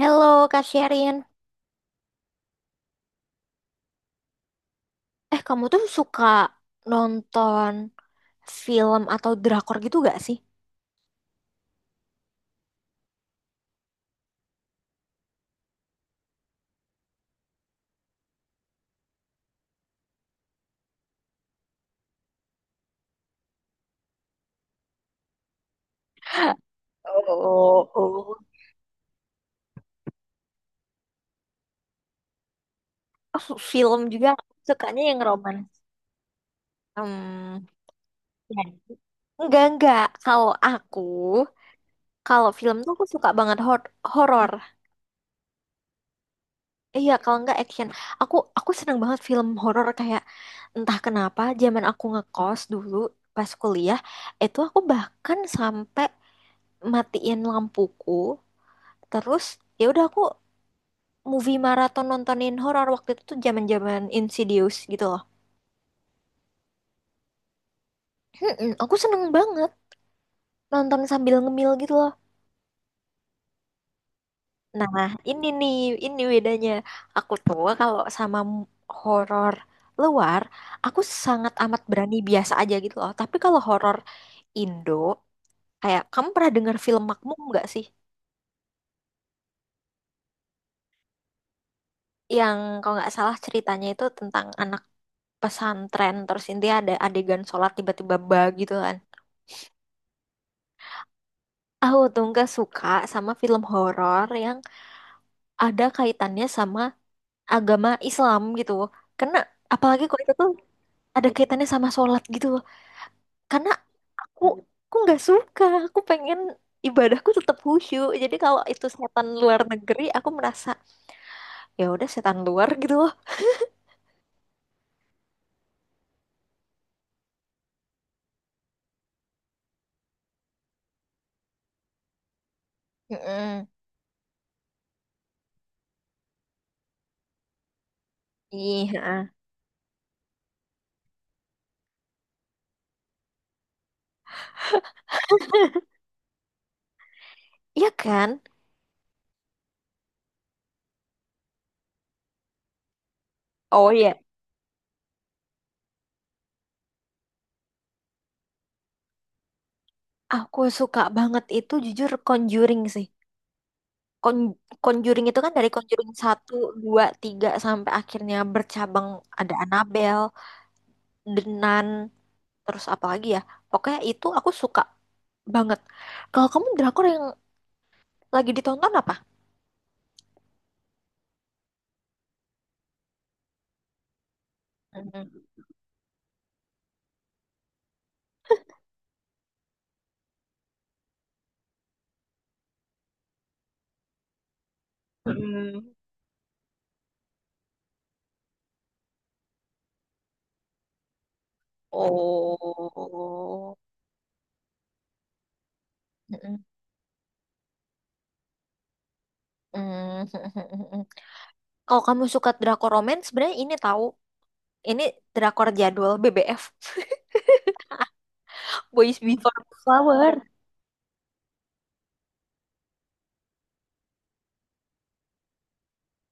Halo Kak Sherin, kamu tuh suka nonton film atau drakor gitu gak sih? Oh, oh. Oh, film juga sukanya yang romans. Hmm, ya. Enggak enggak. Kalau aku, kalau film tuh aku suka banget horor. Iya, kalau enggak action. Aku seneng banget film horor kayak entah kenapa zaman aku ngekos dulu pas kuliah, itu aku bahkan sampai matiin lampuku. Terus ya udah aku movie maraton nontonin horor waktu itu tuh zaman-zaman Insidious gitu loh. Mm-mm, aku seneng banget nonton sambil ngemil gitu loh. Nah, ini nih, ini bedanya. Aku tuh kalau sama horor luar, aku sangat amat berani biasa aja gitu loh. Tapi kalau horor Indo, kayak kamu pernah dengar film Makmum nggak sih? Yang kalau nggak salah ceritanya itu tentang anak pesantren terus intinya ada adegan sholat tiba-tiba bah gitu kan. Aku tuh nggak suka sama film horor yang ada kaitannya sama agama Islam gitu. Karena apalagi kalau itu tuh ada kaitannya sama sholat gitu. Karena aku aku nggak suka. Aku pengen ibadahku tetap khusyuk. Jadi kalau itu setan luar negeri, aku merasa ya udah setan luar gitu loh. Mm-mm. Iya. Iya kan? Oh iya. Aku suka banget itu jujur Conjuring sih. Con- Conjuring itu kan dari Conjuring satu 2 3 sampai akhirnya bercabang ada Annabelle, The Nun, terus apa lagi ya? Pokoknya itu aku suka banget. Kalau kamu drakor yang lagi ditonton apa? Mm-mm. Mm-mm. Oh. Mm-mm. Mm-mm. Kalau kamu suka drakor romance, sebenarnya ini tahu, ini drakor jadwal BBF, Boys Before Flower.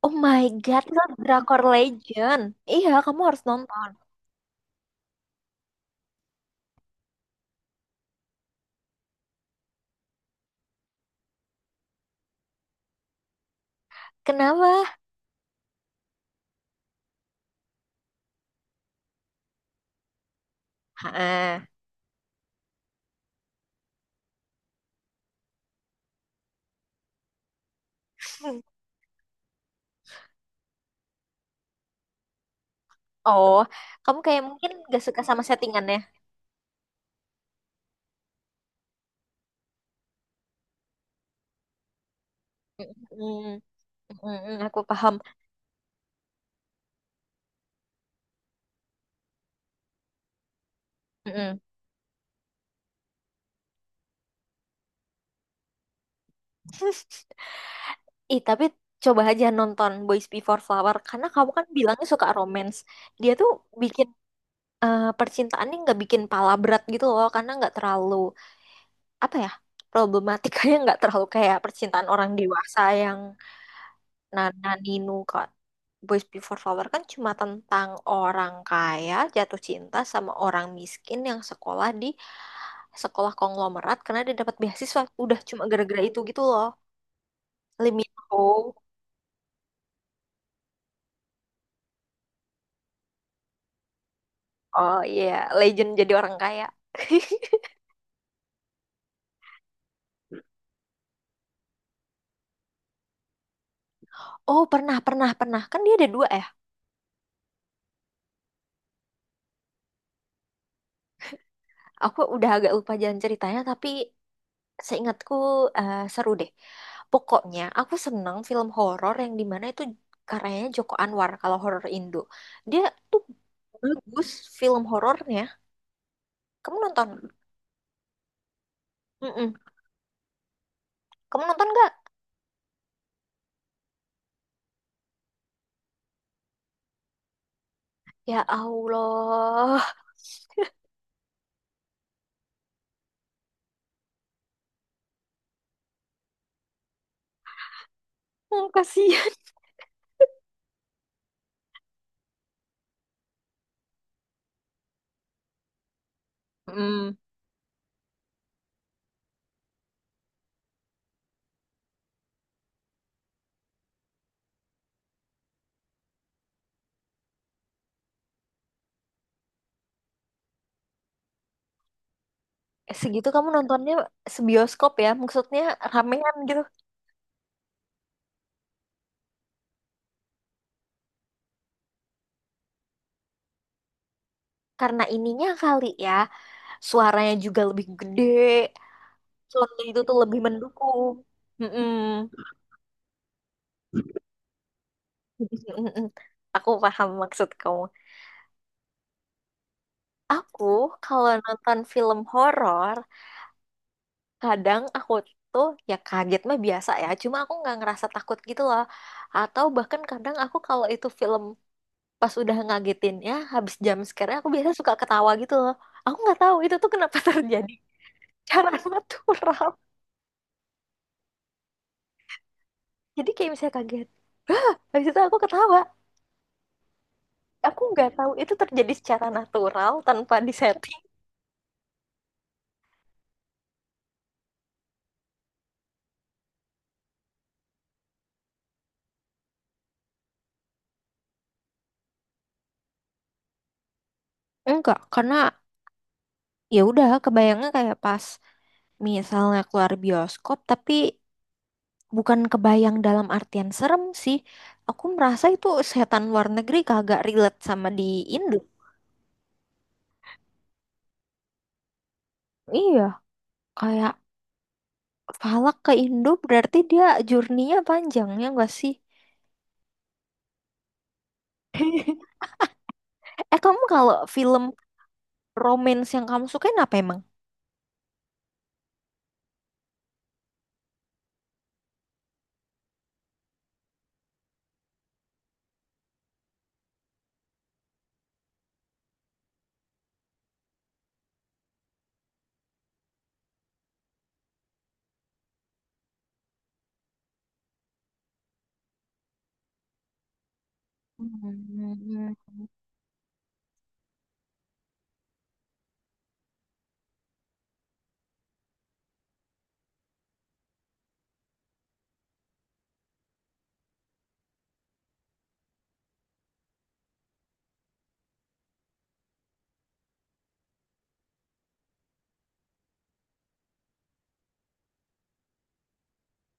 Oh my God, itu drakor legend. Iya, kamu harus nonton. Kenapa? Heeh. Oh, kamu kayak mungkin gak suka sama settingannya. Hmm, mm, mm, aku paham. Mm, mm. Ih, tapi coba aja nonton Boys Before Flower. Karena kamu kan bilangnya suka romance. Dia tuh bikin percintaannya nggak bikin pala berat gitu loh. Karena nggak terlalu, apa ya, problematikanya nggak terlalu kayak percintaan orang dewasa yang Nana Ninu kok. Boys Before Flower kan cuma tentang orang kaya jatuh cinta sama orang miskin yang sekolah di sekolah konglomerat karena dia dapat beasiswa. Udah cuma gara-gara itu gitu loh. Lee Min Ho. Oh iya, legend jadi orang kaya. Oh, pernah, pernah, pernah. Kan dia ada dua ya. Aku udah agak lupa jalan ceritanya, tapi seingatku seru deh. Pokoknya aku seneng film horor yang dimana itu karyanya Joko Anwar kalau horor Indo. Dia tuh bagus film horornya. Kamu nonton? Mm-mm. Kamu nonton nggak? Ya Allah. Hmm, kasihan. Mm. Segitu kamu nontonnya sebioskop ya? Maksudnya ramean gitu. Karena ininya kali ya, suaranya juga lebih gede. Sound itu tuh lebih mendukung. Mm-mm. Mm-mm. Aku paham maksud kamu. Aku kalau nonton film horor, kadang aku tuh ya kaget mah biasa ya. Cuma aku nggak ngerasa takut gitu loh. Atau bahkan kadang aku kalau itu film pas udah ngagetin ya, habis jam scare aku biasa suka ketawa gitu loh. Aku nggak tahu itu tuh kenapa terjadi secara natural. Jadi kayak misalnya kaget, habis itu aku ketawa. Aku nggak tahu itu terjadi secara natural tanpa disetting. Enggak, karena ya udah kebayangnya kayak pas misalnya keluar bioskop, tapi bukan kebayang dalam artian serem sih. Aku merasa itu setan luar negeri kagak relate sama di Indo. Iya, kayak Falak ke Indo berarti dia journey-nya panjang ya nggak sih? Eh, kamu kalau film romance yang kamu sukain apa emang? Hmm.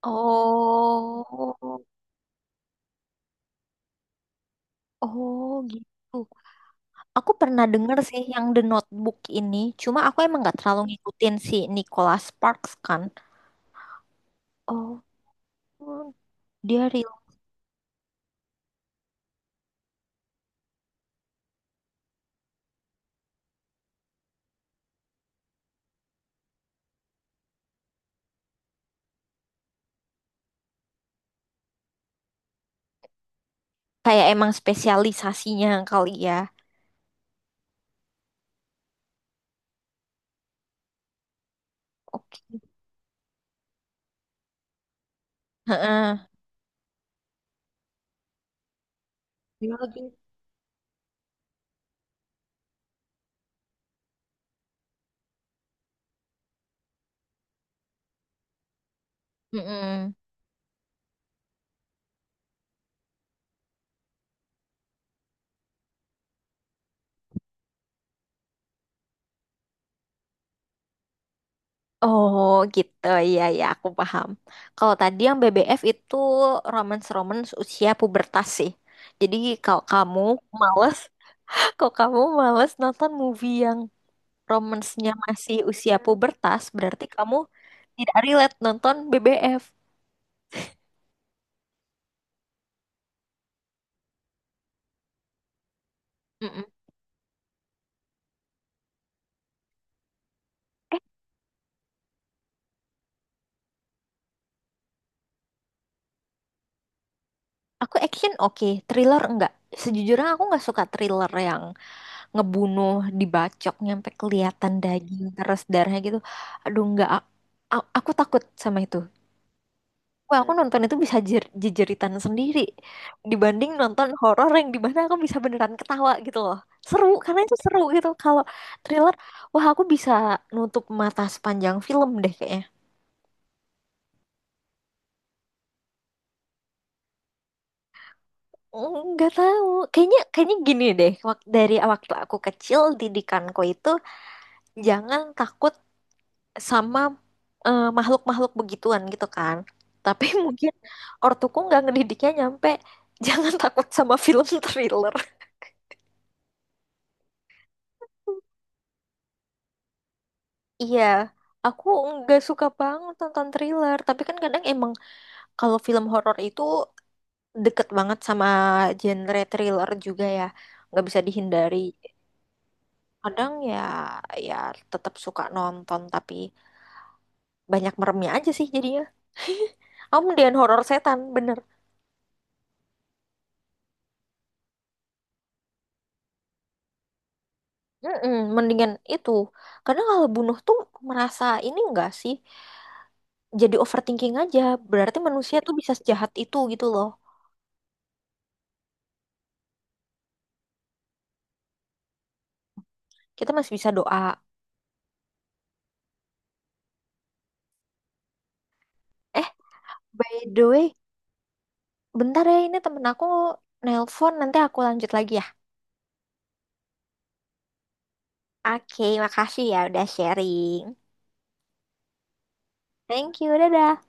Oh, oh gitu. Aku pernah denger sih yang The Notebook ini. Cuma aku emang nggak terlalu ngikutin si Nicholas Sparks kan. Oh, oh, dia real kayak emang spesialisasinya kali ya. Oke. Heeh. Iya lagi. Mm-mm. Oh gitu, iya ya aku paham. Kalau tadi yang BBF itu romance-romance usia pubertas sih. Jadi kalau kamu males, kalau kamu males nonton movie yang romance-nya masih usia pubertas, berarti kamu tidak relate nonton BBF. Mm-mm. Aku action oke, thriller enggak. Sejujurnya aku nggak suka thriller yang ngebunuh dibacok nyampe kelihatan daging terus darahnya gitu. Aduh nggak, aku takut sama itu. Wah, aku nonton itu bisa jejeritan sendiri dibanding nonton horor yang di mana aku bisa beneran ketawa gitu loh. Seru, karena itu seru gitu. Kalau thriller, wah aku bisa nutup mata sepanjang film deh kayaknya. Nggak tahu. Kayaknya kayaknya gini deh. Dari waktu aku kecil didikanku itu jangan takut sama makhluk-makhluk begituan gitu kan. Tapi mungkin ortuku nggak ngedidiknya nyampe jangan takut sama film thriller. Iya, aku nggak suka banget nonton thriller. Tapi kan kadang emang kalau film horor itu deket banget sama genre thriller juga ya. Nggak bisa dihindari. Kadang ya, ya tetap suka nonton tapi banyak meremnya aja sih jadinya. Aku mendingan horor setan, bener. Mm-mm, mendingan itu. Karena kalau bunuh tuh merasa ini enggak sih? Jadi overthinking aja. Berarti manusia tuh bisa sejahat itu gitu loh. Kita masih bisa doa. Eh, by the way, bentar ya ini temen aku nelpon. Nanti aku lanjut lagi ya. Oke, makasih ya udah sharing. Thank you, dadah.